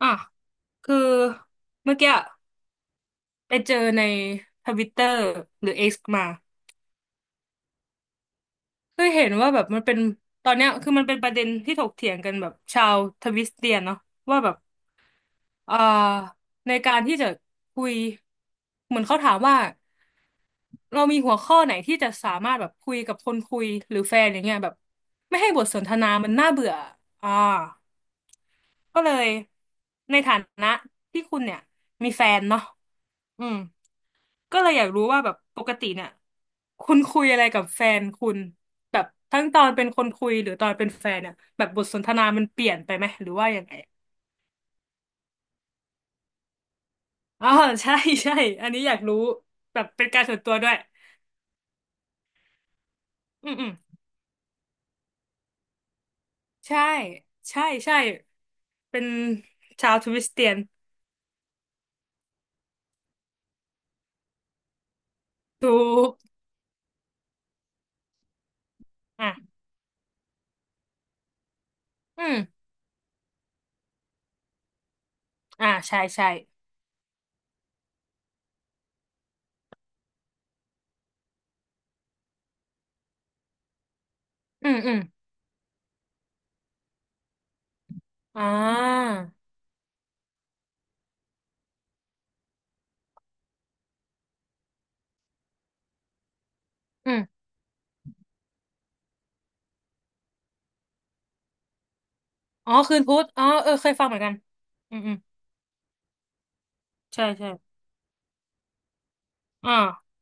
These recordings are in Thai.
อ่ะคือเมื่อกี้ไปเจอในทวิตเตอร์หรือเอ็กซ์มาคือเห็นว่าแบบมันเป็นตอนเนี้ยคือมันเป็นประเด็นที่ถกเถียงกันแบบชาวทวิสเตียนเนาะว่าแบบอ่าในการที่จะคุยเหมือนเขาถามว่าเรามีหัวข้อไหนที่จะสามารถแบบคุยกับคนคุยหรือแฟนอย่างเงี้ยแบบไม่ให้บทสนทนามันน่าเบื่ออ่าก็เลยในฐานะที่คุณเนี่ยมีแฟนเนาะอืม ก็เลยอยากรู้ว่าแบบปกติเนี่ยคุณคุยอะไรกับแฟนคุณแบบทั้งตอนเป็นคนคุยหรือตอนเป็นแฟนเนี่ยแบบบทสนทนามันเปลี่ยนไปไหมหรือว่ายังไงอ๋อใช่ใช่อันนี้อยากรู้แบบเป็นการส่วนตัวด้วยอืมอืมใช่ใช่ใช่เป็นชาวทริสเตียนถูกอ่ะอืมใช่ใช่อืมอืมอ่าอืมอ๋อคืนพุธอ๋อเออเคยฟังเหมือนกันอืมอืมใช่ใช่อ่า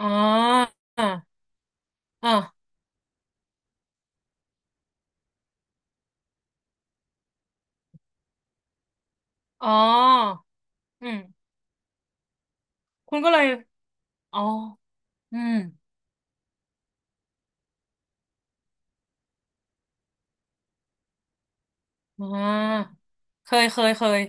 อ๋ออ่าอ่า อ๋ออืมคุณก็เลยอ๋ออืมอ่าเคยเคยเคย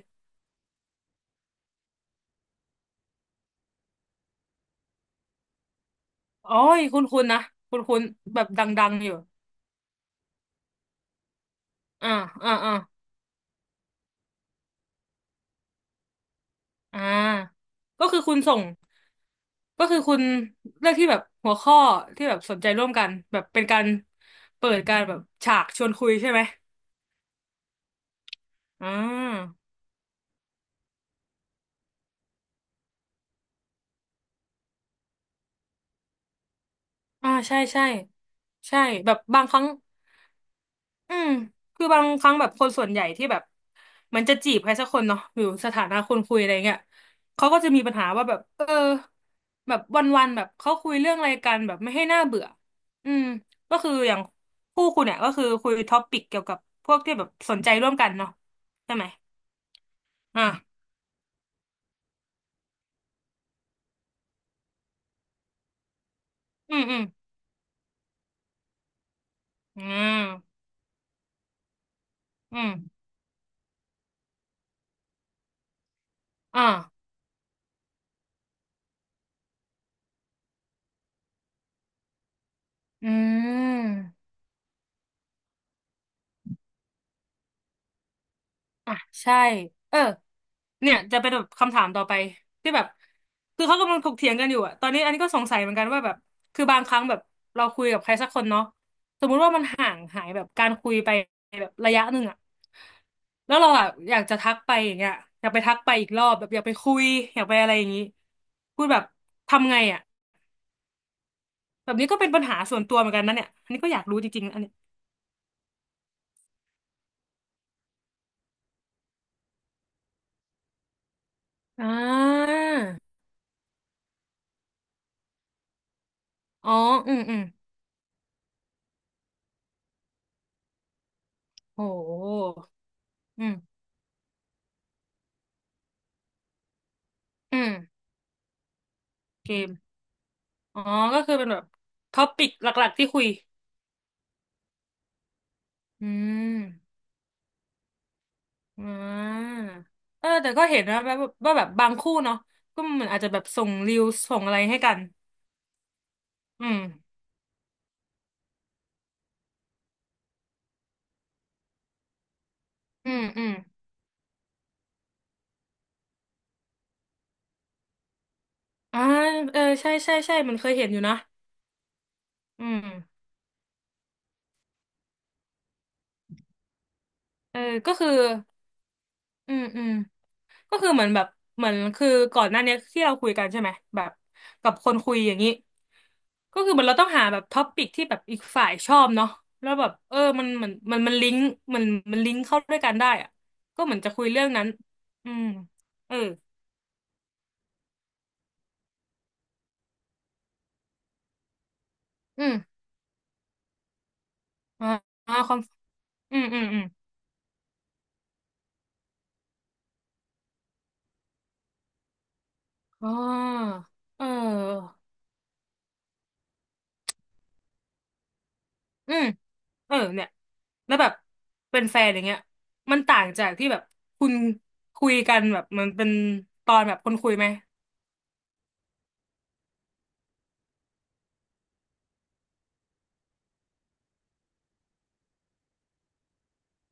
โอ้ยคุณคุณนะคุณคุณแบบดังๆอยู่อ่าอ่าอ่าอ่าก็คือคุณส่งก็คือคุณเลือกที่แบบหัวข้อที่แบบสนใจร่วมกันแบบเป็นการเปิดการแบบฉากชวนคุยใช่ไหมอ่าอ่าใช่ใช่ใช่แบบบางครั้ง อืมคือบางครั้งแบบคนส่วนใหญ่ที่แบบมันจะจีบใครสักคนเนาะหรือสถานะคนคุยอะไรเงี้ยเขาก็จะมีปัญหาว่าแบบเออแบบวันๆแบบเขาคุยเรื่องอะไรกันแบบไม่ให้น่าเบื่ออืมก็คืออย่างคู่คุณเนี่ยก็คือคุยท็อปปิกเกี่ยวกับพวกที่แบบสนใจร่วมกันเนาะใช่ไหมอ่ะอืมอืมอืมอืมอ่าอืม อ่ะใช่เออเนี่ยจะเป็นแบบคำถามต่อไปที่แบบคือเขากำลังถกเถียงกันอยู่อะตอนนี้อันนี้ก็สงสัยเหมือนกันว่าแบบคือบางครั้งแบบเราคุยกับใครสักคนเนาะสมมุติว่ามันห่างหายแบบการคุยไปแบบระยะหนึ่งอะแล้วเราอะอยากจะทักไปอย่างเงี้ยอยากไปทักไปอีกรอบแบบอยากไปคุยอยากไปอะไรอย่างงี้พูดแบบทำไงอะแบบนี้ก็เป็นปัญหาส่วนตัวเหมือนกันนะเนี่ยอันนี้ก็อยากรู้จริงๆนะอันเนี้ยอ่าอ๋ออืมอืมโหอืมอืมโอเค อ๋อก็คือเป็นแบบท็อปิกหลักๆที่คุยอืมอ่าเออแต่ก็เห็นนะแบบว่าแบบบางคู่เนาะก็เหมือนอาจจะแบบส่งรีวส่งอะไรให้กันอืมอืมอืมอ่าเออใช่ใช่ใช่มันเคยเห็นอยู่นะอืมเออก็คืออืมอืมก็คือเหมือนแบบ เหมือนคือก่อนหน้านี้ที่เราคุยกันใช่ไหมแบบกับคนคุยอย่างนี้ ก็คือเหมือนเราต้องหาแบบท็อปิกที่แบบอีกฝ่ายชอบเนาะแล้วแบบเออมันมันลิงก์มันมันลิงก์เข้าด้วยกันได้อะก็เหมือนจะคุยเรื่องนั้นอืมเอออืมอ่าอ่าความอืมอืมอืมอ๋อเอออืมเออเนี่ยแล้วแบบเป็นแฟนอย่างเงี้ยมันต่างจากที่แบบคุณคุยกันแบบมันเป็นตอนแบบคนคุยไหม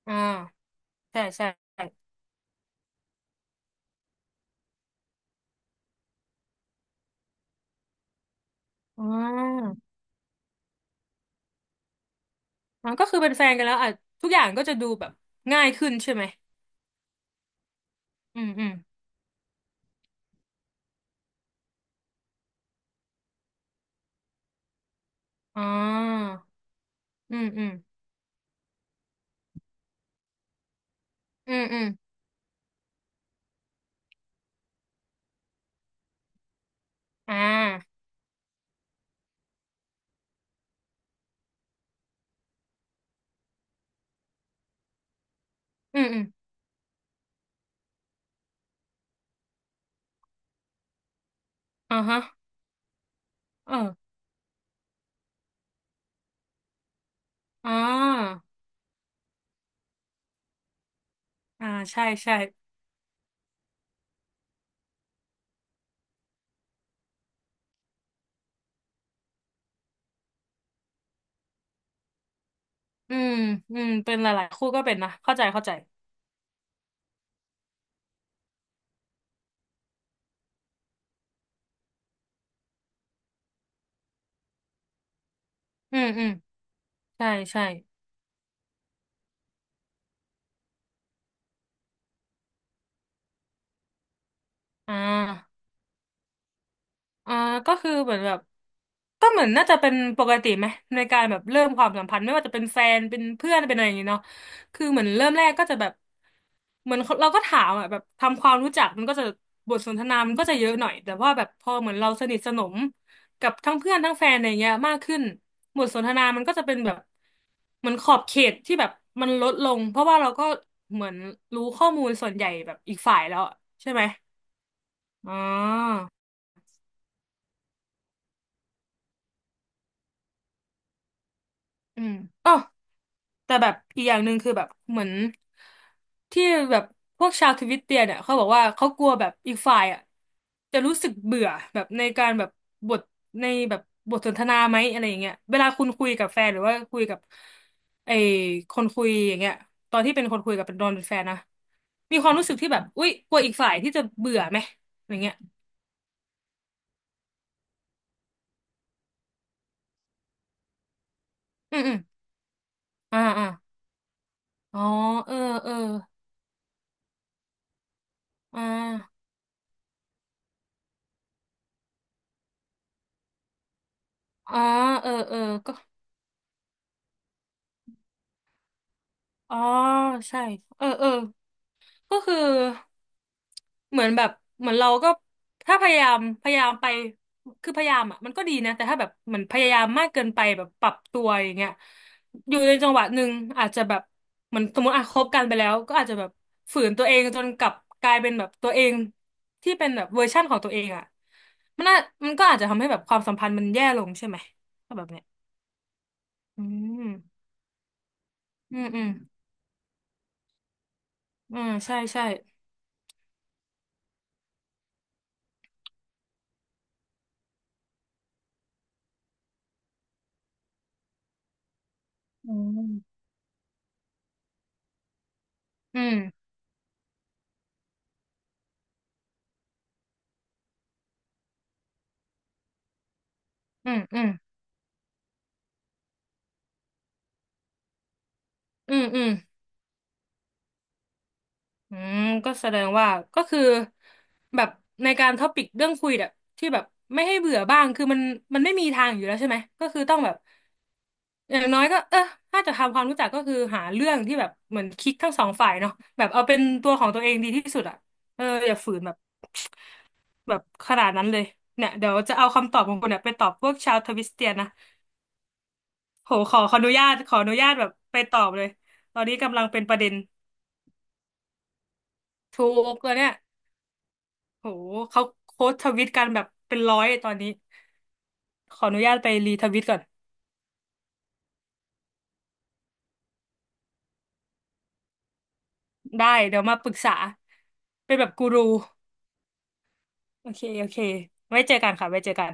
อ่าใช่ใช่อ๋อ อ๋อก็คือเป็นแฟนกันแล้วอ่ะทุกอย่างก็จะดูแบบง่ายขึ้นใช่ไหมอืมอืมอ๋ออืมอืมอืมอืมอ่าอืมอืมฮะเอออ่าอ่าใช่ใช่อืมอืม เป็นหลายๆคู่ก็เป็นนะเข้าใจเข้าใจอืมอืมใช่ใช่อ่า อ่าก็คือเหมือนแบบก็เหมือนน่าจะเป็นปกติไหมในการแบบเริ่มความสัมพันธ์ไม่ว่าจะเป็นแฟนเป็นเพื่อนเป็นอะไรอย่างงี้เนาะคือเหมือนเริ่มแรกก็จะแบบเหมือนเราก็ถามอ่ะแบบทำความรู้จักมันก็จะบทสนทนามันก็จะเยอะหน่อยแต่ว่าแบบพอเหมือนเราสนิทสนมกับทั้งเพื่อนทั้งแฟนอะไรเงี้ยมากขึ้นบทสนทนามันก็จะเป็นแบบเหมือนขอบเขตที่แบบมันลดลงเพราะว่าเราก็เหมือนรู้ข้อมูลส่วนใหญ่แบบอีกฝ่ายแล้วอะใช่ไหมอ๋ออืมอ๋อ แต่แบบอีกอย่างหนึ่งคือแบบเหมือนที่แบบพวกชาวทวิตเตียเนี่ยเขาบอกว่าเขากลัวแบบอีกฝ่ายอ่ะจะรู้สึกเบื่อแบบในการแบบบทในแบบบทสนทนาไหมอะไรอย่างเงี้ยเวลาคุณคุยกับแฟนหรือว่าคุยกับไอ้คนคุยอย่างเงี้ยตอนที่เป็นคนคุยกับเป็นตอนเป็นแฟนนะมีความรู้สึกที่แบบอุ๊ยกลัวอีกฝ่ายที่จะเบื่อไหมอย่างเงี้ยอืมอืมอ่าอ่าอ๋อเออเอออ่าอ๋อเออเออก็ อ๋อใช่เออเออก็คือเหมือนแบบเหมือนเราก็ถ้าพยายามไปคือพยายามอ่ะมันก็ดีนะแต่ถ้าแบบเหมือนพยายามมากเกินไปแบบปรับตัวอย่างเงี้ยอยู่ในจังหวะหนึ่งอาจจะแบบเหมือนสมมติอ่ะคบกันไปแล้วก็อาจจะแบบฝืนตัวเองจนกลับกลายเป็นแบบตัวเองที่เป็นแบบเวอร์ชั่นของตัวเองอ่ะมันน่ามันก็อาจจะทำให้แบบความสัมพันธ์มันแย่ลงใช่ไหมถ้าแบบเนี้ยอืมอืมอืมอืมใช่ใช่อืม อืมอืมอืมอืมอืมอืมก็แสดงว่าก็คือแบบในการท็อปิกเรื่องคุยแบบที่แบบไม่ให้เบื่อบ้างคือมันมันไม่มีทางอยู่แล้วใช่ไหมก็คือต้องแบบอย่างน้อยก็เออถ้าจะทำความรู้จักก็คือหาเรื่องที่แบบเหมือนคลิกทั้งสองฝ่ายเนาะแบบเอาเป็นตัวของตัวเองดีที่สุดอ่ะเอออย่าฝืนแบบแบบขนาดนั้นเลยเนี่ยเดี๋ยวจะเอาคำตอบของคุณเนี่ยไปตอบพวกชาวทวิสเตียนนะโหขอขออนุญาตขออนุญาตแบบไปตอบเลยตอนนี้กำลังเป็นประเด็นถูกเลยเนี่ย โหเขาโค้ชทวิตกันแบบเป็นร้อยตอนนี้ขออนุญาตไปรีทวิตก่อนได้เดี๋ยวมาปรึกษาเป็นแบบกูรูโอเคโอเคไว้เจอกันค่ะไว้เจอกัน